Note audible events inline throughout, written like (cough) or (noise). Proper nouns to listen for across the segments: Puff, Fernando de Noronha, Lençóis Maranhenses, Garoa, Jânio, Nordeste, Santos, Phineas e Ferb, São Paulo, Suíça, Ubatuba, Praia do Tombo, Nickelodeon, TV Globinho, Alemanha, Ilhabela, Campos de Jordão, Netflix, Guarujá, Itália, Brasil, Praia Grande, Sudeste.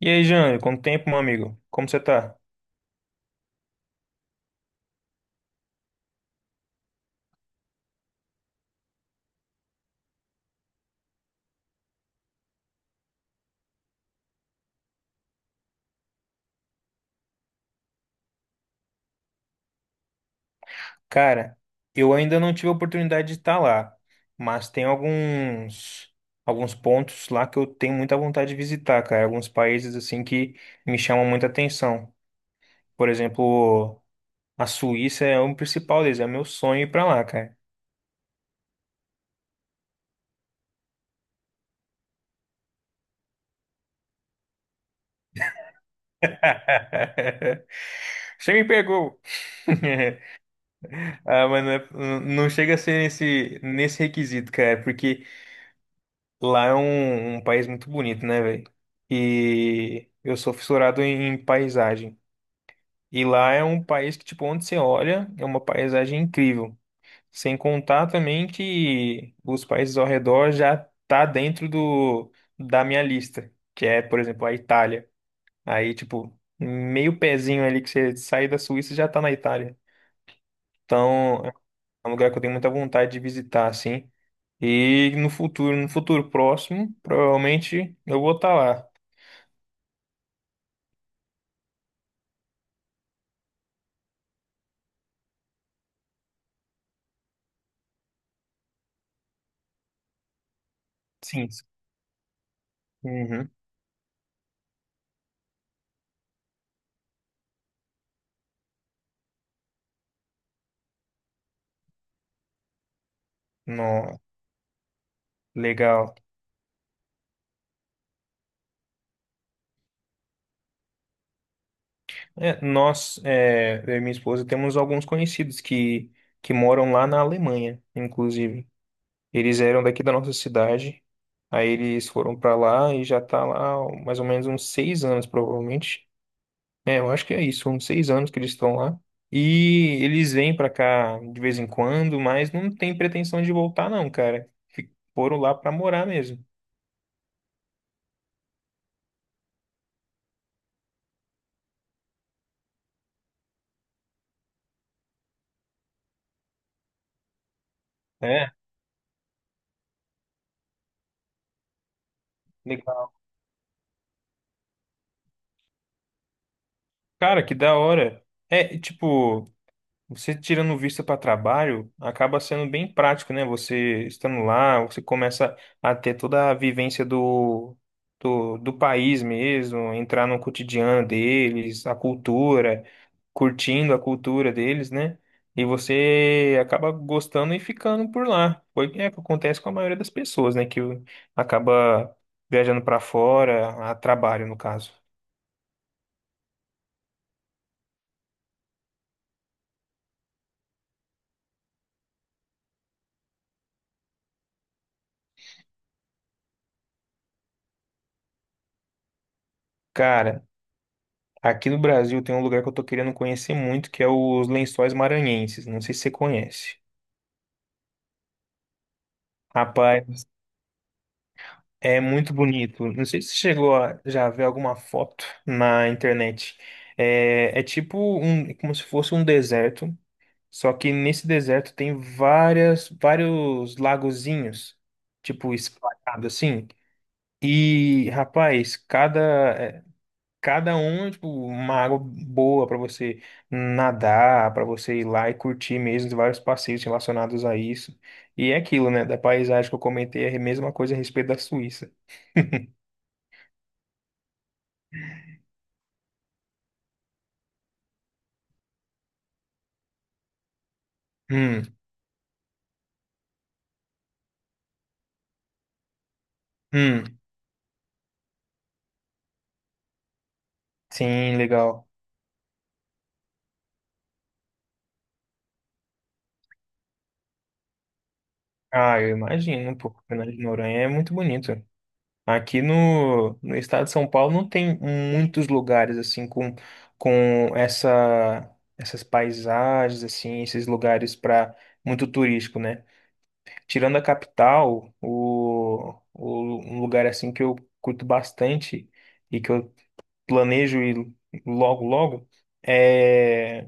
E aí, Jânio, quanto tempo, meu amigo? Como você tá? Cara, eu ainda não tive a oportunidade de estar lá, mas tem alguns pontos lá que eu tenho muita vontade de visitar, cara. Alguns países assim que me chamam muita atenção. Por exemplo, a Suíça é um principal deles, é meu sonho ir pra lá, cara. (laughs) Você me pegou. (laughs) Ah, mas não, não chega a ser nesse requisito, cara, porque lá é um país muito bonito, né, velho? E eu sou fissurado em paisagem. E lá é um país que, tipo, onde você olha, é uma paisagem incrível. Sem contar também que os países ao redor já tá dentro do, da minha lista, que é, por exemplo, a Itália. Aí, tipo, meio pezinho ali que você sai da Suíça já tá na Itália. Então, é um lugar que eu tenho muita vontade de visitar, assim. E no futuro, no futuro próximo, provavelmente eu vou estar lá. Sim, sim. Uhum. No, legal. É, nós, é, eu e minha esposa, temos alguns conhecidos que moram lá na Alemanha, inclusive. Eles eram daqui da nossa cidade, aí eles foram para lá e já tá lá há mais ou menos uns seis anos, provavelmente. É, eu acho que é isso, uns seis anos que eles estão lá. E eles vêm para cá de vez em quando, mas não tem pretensão de voltar, não, cara. Foram lá para morar mesmo. É, legal. Cara, que da hora. É, tipo. Você tirando vista para trabalho, acaba sendo bem prático, né? Você estando lá, você começa a ter toda a vivência do, do país mesmo, entrar no cotidiano deles, a cultura, curtindo a cultura deles, né? E você acaba gostando e ficando por lá. Foi é o que acontece com a maioria das pessoas, né? Que acaba viajando para fora, a trabalho, no caso. Cara. Aqui no Brasil tem um lugar que eu tô querendo conhecer muito, que é os Lençóis Maranhenses. Não sei se você conhece. Rapaz, é muito bonito. Não sei se você chegou a já ver alguma foto na internet. É, é tipo um, é como se fosse um deserto, só que nesse deserto tem várias, vários lagozinhos, tipo espalhado assim. E, rapaz, cada é, cada um, tipo, uma água boa para você nadar, para você ir lá e curtir mesmo vários passeios relacionados a isso. E é aquilo, né? Da paisagem que eu comentei, é a mesma coisa a respeito da Suíça. (laughs) Hum, hum, sim, legal. Ah, eu imagino, pô, Fernando de Noronha é muito bonito. Aqui no, no estado de São Paulo não tem muitos lugares assim com essa, essas paisagens assim, esses lugares para muito turístico, né? Tirando a capital, o, um lugar assim que eu curto bastante e que eu planejo ir logo logo é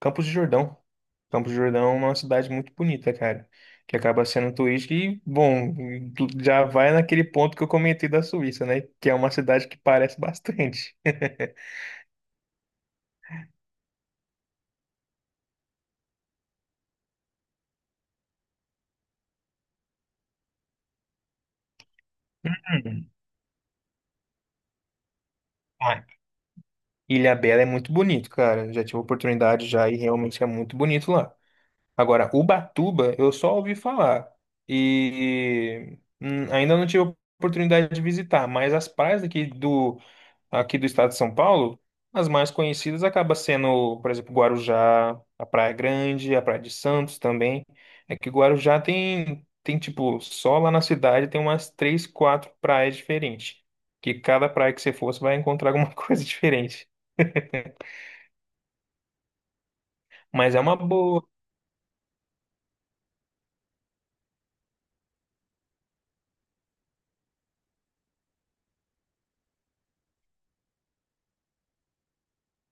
Campos de Jordão. Campos de Jordão é uma cidade muito bonita, cara, que acaba sendo turística e, bom, tu já vai naquele ponto que eu comentei da Suíça, né? Que é uma cidade que parece (laughs) bastante. Hum. Ah, Ilhabela é muito bonito, cara. Já tive a oportunidade já e realmente é muito bonito lá. Agora, Ubatuba, eu só ouvi falar. E ainda não tive a oportunidade de visitar, mas as praias aqui do estado de São Paulo, as mais conhecidas acaba sendo, por exemplo, Guarujá, a Praia Grande, a Praia de Santos também. É que Guarujá tem, tem tipo, só lá na cidade tem umas três, quatro praias diferentes. Que cada praia que você fosse vai encontrar alguma (laughs) coisa diferente. Mas é uma boa.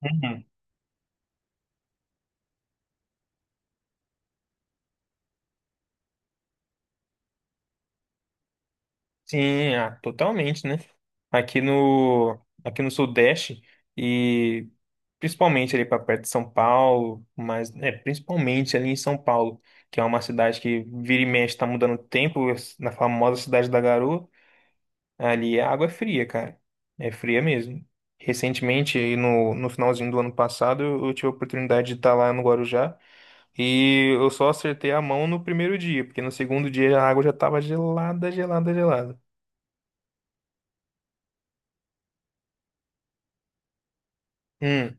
Uhum. Sim, ah, totalmente, né? Aqui no Sudeste e principalmente ali para perto de São Paulo, mas é principalmente ali em São Paulo, que é uma cidade que vira e mexe tá mudando o tempo, na famosa cidade da Garoa, ali a água é fria, cara. É fria mesmo. Recentemente, aí no, no finalzinho do ano passado, eu tive a oportunidade de estar lá no Guarujá e eu só acertei a mão no primeiro dia, porque no segundo dia a água já estava gelada, gelada, gelada. Hum.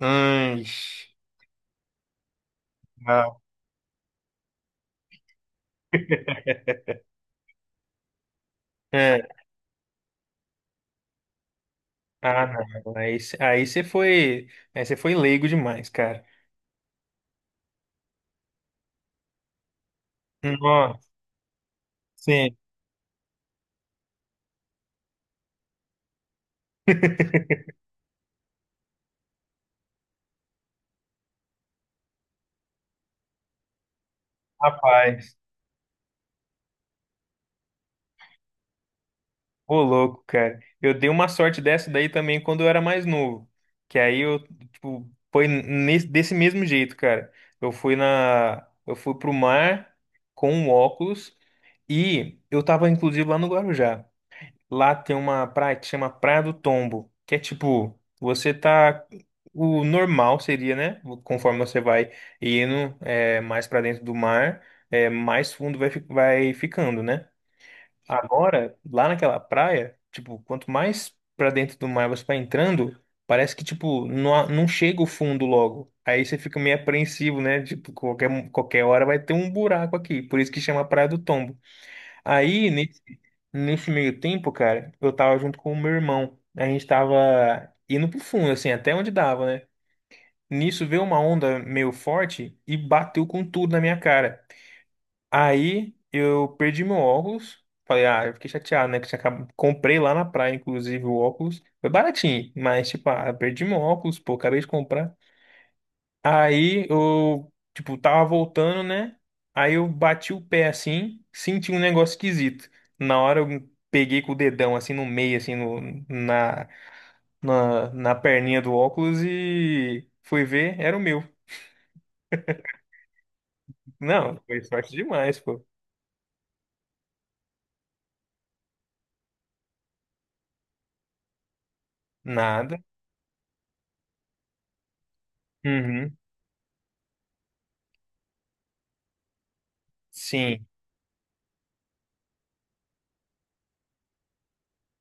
Anjo. Ah, (laughs) é. Ah, não. Aí, aí você foi leigo demais, cara. Nossa, sim. (laughs) Rapaz, ô louco, cara. Eu dei uma sorte dessa daí também quando eu era mais novo. Que aí eu, tipo, foi nesse, desse mesmo jeito, cara. Eu fui na, eu fui pro mar com um óculos e eu tava inclusive lá no Guarujá. Lá tem uma praia que chama Praia do Tombo, que é tipo, você tá. O normal seria, né? Conforme você vai indo é, mais pra dentro do mar, é, mais fundo vai, vai ficando, né? Agora, lá naquela praia, tipo, quanto mais pra dentro do mar você vai entrando, parece que, tipo, não, não chega o fundo logo. Aí você fica meio apreensivo, né? Tipo, qualquer hora vai ter um buraco aqui. Por isso que chama Praia do Tombo. Aí, nesse, nesse meio tempo, cara, eu tava junto com o meu irmão. A gente tava indo pro fundo, assim, até onde dava, né? Nisso veio uma onda meio forte e bateu com tudo na minha cara. Aí eu perdi meu óculos. Falei, ah, eu fiquei chateado, né? Que tinha acabado... Comprei lá na praia, inclusive, o óculos. Foi baratinho, mas, tipo, ah, perdi meu óculos, pô, acabei de comprar. Aí eu, tipo, tava voltando, né? Aí eu bati o pé assim, senti um negócio esquisito. Na hora eu peguei com o dedão assim no meio, assim, no, na, na perninha do óculos e fui ver, era o meu. Não, foi sorte demais, pô. Nada. Uhum. Sim.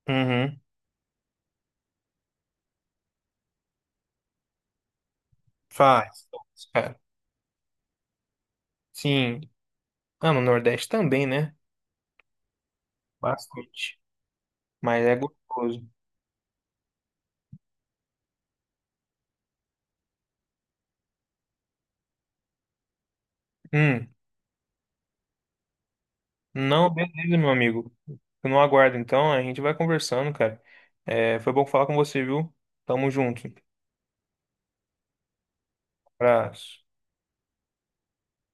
Uhum. Faz. Cara. Sim. Ah, no Nordeste também, né? Bastante. Mas é gostoso. Hum. Não, beleza, meu amigo. Eu não aguardo, então. A gente vai conversando, cara. É, foi bom falar com você, viu? Tamo junto. Abraço.